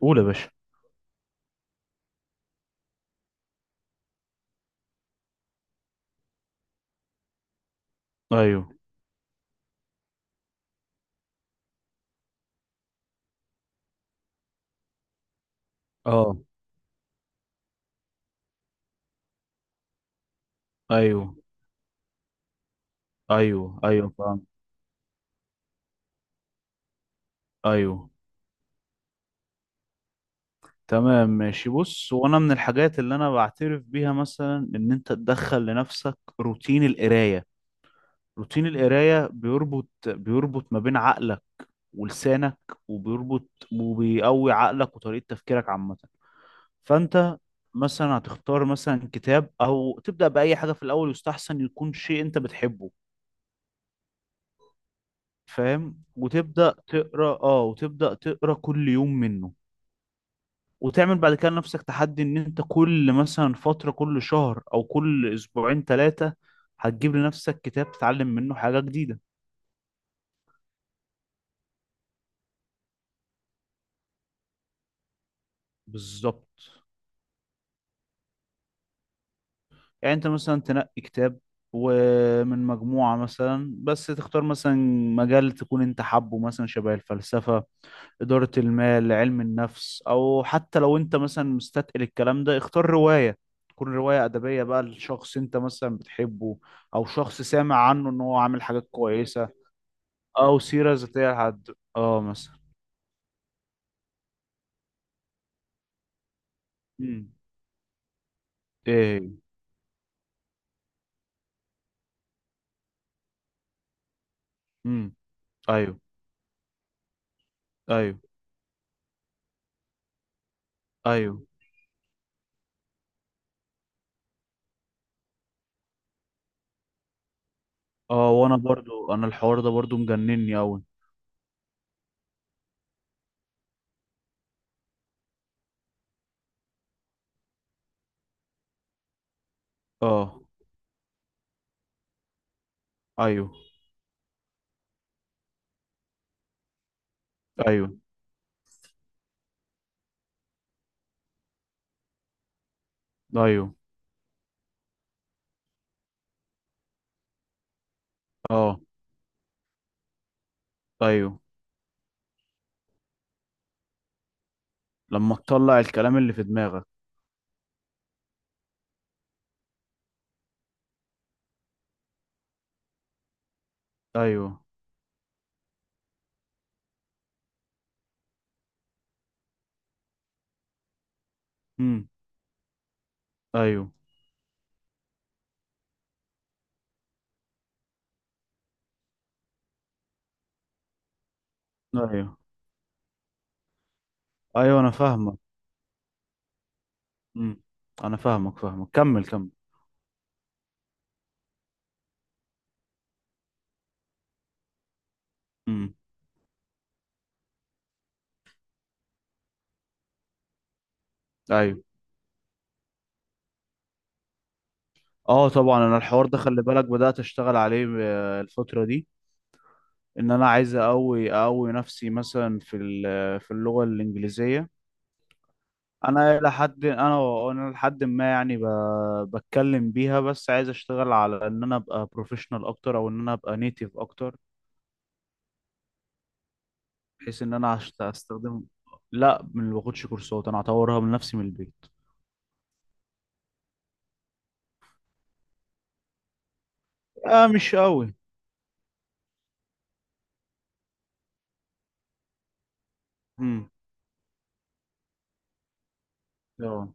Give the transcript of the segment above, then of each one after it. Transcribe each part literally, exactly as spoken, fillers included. قول يا باشا. ايوه. اه. ايوه ايوه ايوه، فاهم. ايوه، تمام ماشي. بص، وانا من الحاجات اللي انا بعترف بيها مثلا ان انت تدخل لنفسك روتين القرايه. روتين القرايه بيربط بيربط ما بين عقلك ولسانك، وبيربط وبيقوي عقلك وطريقه تفكيرك عامه. فانت مثلا هتختار مثلا كتاب او تبدا باي حاجه في الاول، يستحسن يكون شيء انت بتحبه. فاهم، وتبدا تقرا، اه، وتبدا تقرا كل يوم منه. وتعمل بعد كده لنفسك تحدي ان انت كل مثلا فترة، كل شهر او كل اسبوعين ثلاثة، هتجيب لنفسك كتاب تتعلم منه حاجة جديدة. بالظبط. يعني انت مثلا تنقي كتاب ومن مجموعة مثلا، بس تختار مثلا مجال تكون انت حابه، مثلا شبه الفلسفة، إدارة المال، علم النفس، او حتى لو انت مثلا مستثقل الكلام ده اختار رواية. تكون رواية أدبية بقى لشخص انت مثلا بتحبه، او شخص سامع عنه ان هو عامل حاجات كويسة، او سيره ذاتيه لحد، اه، مثلا. امم ايه. امم ايوه ايوه ايوه. اه وانا برضو، انا الحوار ده برضو مجنني قوي. اه. ايوه ايوه ايوه. اه. ايوه. لما تطلع الكلام اللي في دماغك. ايوه. امم ايوه ايوه ايوه، انا فاهمك. امم انا فاهمك فاهمك كمل كمل. امم ايوه. اه طبعا، انا الحوار ده خلي بالك بدأت اشتغل عليه آه، الفترة دي. ان انا عايز اقوي اقوي نفسي مثلا في ال- في اللغة الانجليزية. انا لحد انا انا لحد ما يعني ب- بتكلم بيها، بس عايز اشتغل على ان انا ابقى بروفيشنال اكتر، او ان انا ابقى نيتيف اكتر. بحيث ان انا هشت- استخدم. لا، ما باخدش كورسات، انا هطورها من نفسي من البيت. اه مش قوي. امم اه.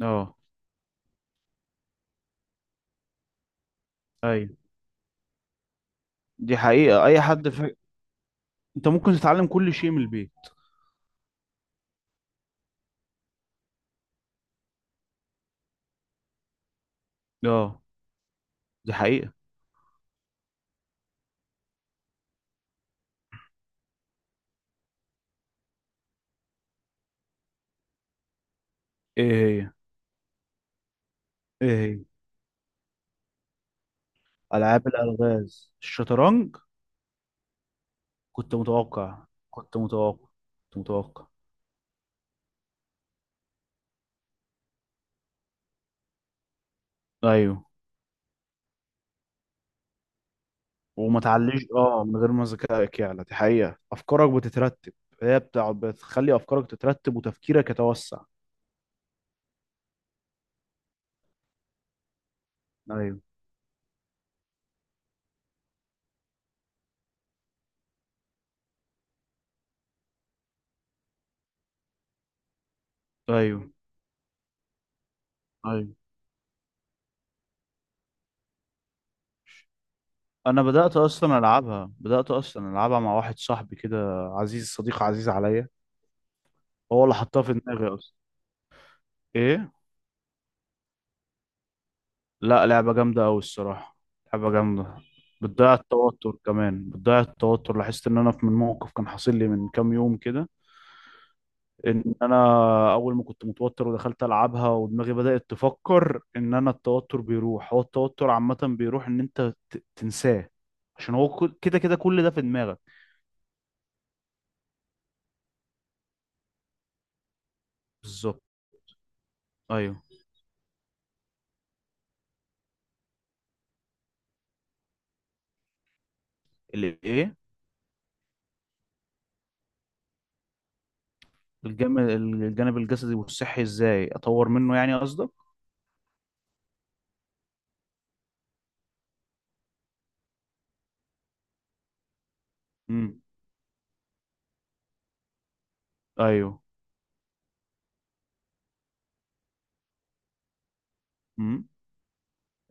اه. ايوه دي حقيقة، اي حد في... انت ممكن تتعلم كل شيء من البيت. اه دي حقيقة. ايه. هي. ايه. هي. العاب الالغاز، الشطرنج. كنت متوقع كنت متوقع كنت متوقع ايوه. وما تعليش، اه، من غير ما ذكائك يعلى دي حقيقة، افكارك بتترتب. هي بتقعد بتخلي افكارك تترتب وتفكيرك يتوسع. ايوه. ايوه. ايوه. انا بدأت اصلا العبها بدأت اصلا العبها مع واحد صاحبي كده، عزيز صديق عزيز عليا. هو اللي حطها في دماغي اصلا. ايه. لا لعبة جامدة قوي الصراحة، لعبة جامدة. بتضيع التوتر، كمان بتضيع التوتر. لاحظت ان انا في من موقف كان حاصل لي من كام يوم كده، ان انا اول ما كنت متوتر ودخلت العبها ودماغي بدأت تفكر ان انا التوتر بيروح. هو التوتر عامة بيروح ان انت ت- تنساه، عشان هو كل- كده كده كل ده في دماغك. بالظبط. ايوه. الايه؟ الجانب، الجانب الجسدي والصحي ازاي اطور منه يعني قصدك؟ امم ايوه. امم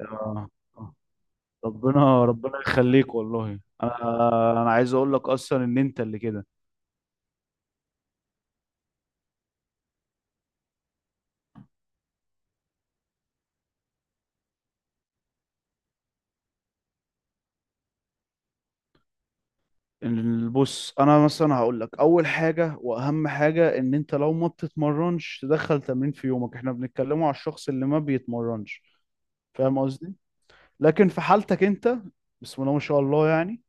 آه. آه. ربنا ربنا يخليك والله. انا انا عايز اقول لك اصلا ان انت اللي كده. بص انا مثلا هقول لك اول حاجه واهم حاجه، ان انت لو ما بتتمرنش تدخل تمرين في يومك. احنا بنتكلموا على الشخص اللي ما بيتمرنش، فاهم قصدي؟ لكن في حالتك انت، بسم الله ما شاء الله يعني،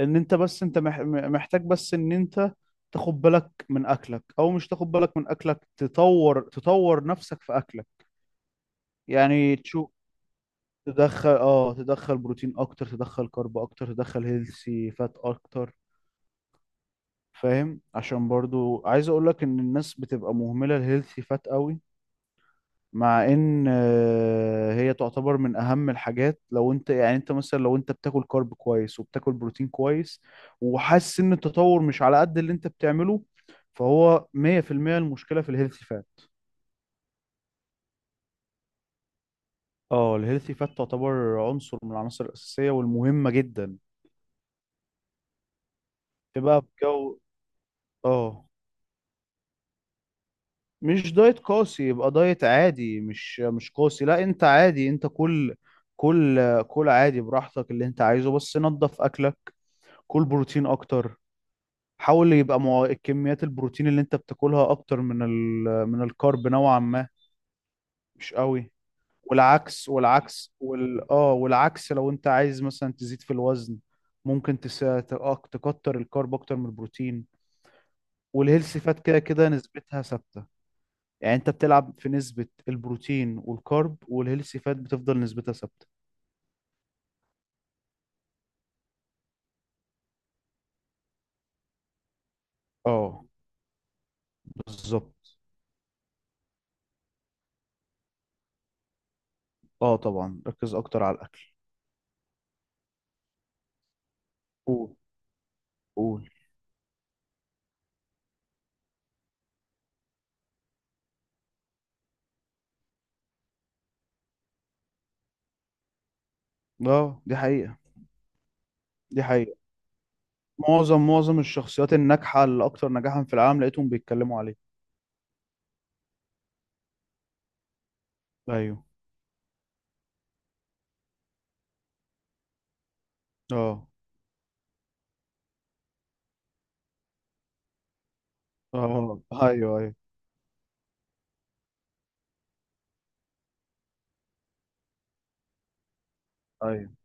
ان انت بس انت مح- محتاج بس ان انت تاخد بالك من اكلك، او مش تاخد بالك من اكلك، تطور تطور نفسك في اكلك. يعني تشوف تدخل، اه، تدخل بروتين اكتر، تدخل كارب اكتر، تدخل هيلثي فات اكتر. فاهم؟ عشان برضو عايز اقول لك ان الناس بتبقى مهملة الهيلثي فات قوي، مع ان، آه، هي تعتبر من اهم الحاجات. لو انت يعني انت مثلا لو انت بتاكل كارب كويس وبتاكل بروتين كويس، وحاسس ان التطور مش على قد اللي انت بتعمله، فهو مية في المية المشكلة في الهيلثي فات. اه الهيلثي فات تعتبر عنصر من العناصر الأساسية والمهمة جدا. تبقى في جو، اه، مش دايت قاسي، يبقى دايت عادي، مش مش قاسي. لا انت عادي، انت كل كل كل عادي براحتك اللي انت عايزه، بس نظف اكلك. كل بروتين اكتر، حاول يبقى مع كميات البروتين اللي انت بتاكلها اكتر من ال... من الكارب نوعا ما. مش قوي. والعكس، والعكس وال اه والعكس لو انت عايز مثلا تزيد في الوزن، ممكن تس... ت- آه، تكتر الكارب اكتر من البروتين. والهيلثي فات كده كده نسبتها ثابتة. يعني انت بتلعب في نسبة البروتين والكارب، والهيلثي فات بتفضل نسبتها ثابتة. اه بالظبط. اه طبعا ركز اكتر على الاكل. قول. قول. اه دي حقيقة. دي حقيقة، معظم معظم الشخصيات الناجحة اللي اكتر نجاحا في العالم لقيتهم بيتكلموا عليه. ايوه. اه. اه. ايوه ايوه ايوه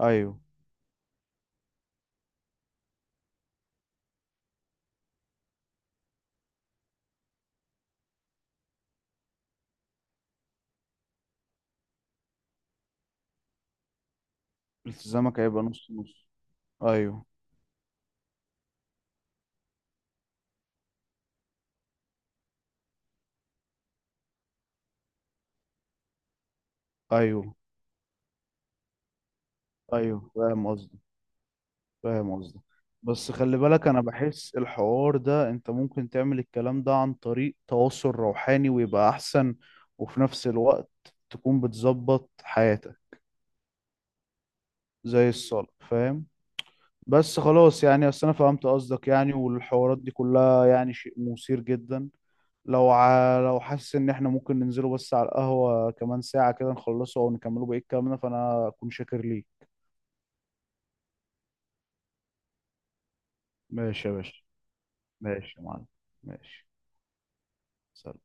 ايوه. التزامك هيبقى نص نص. ايوه. ايوه. ايوه فاهم قصدي. فاهم قصدك، بس خلي بالك انا بحس الحوار ده انت ممكن تعمل الكلام ده عن طريق تواصل روحاني ويبقى احسن. وفي نفس الوقت تكون بتظبط حياتك، زي الصلاة، فاهم؟ بس خلاص يعني، اصل انا فهمت قصدك يعني. والحوارات دي كلها يعني شيء مثير جدا. لو ع... لو حاسس ان احنا ممكن ننزله بس على القهوة كمان ساعة كده، نخلصه او نكمله بقية كلامنا، فانا اكون شاكر ليك. ماشي يا باشا. ماشي يا معلم. ماشي، سلام.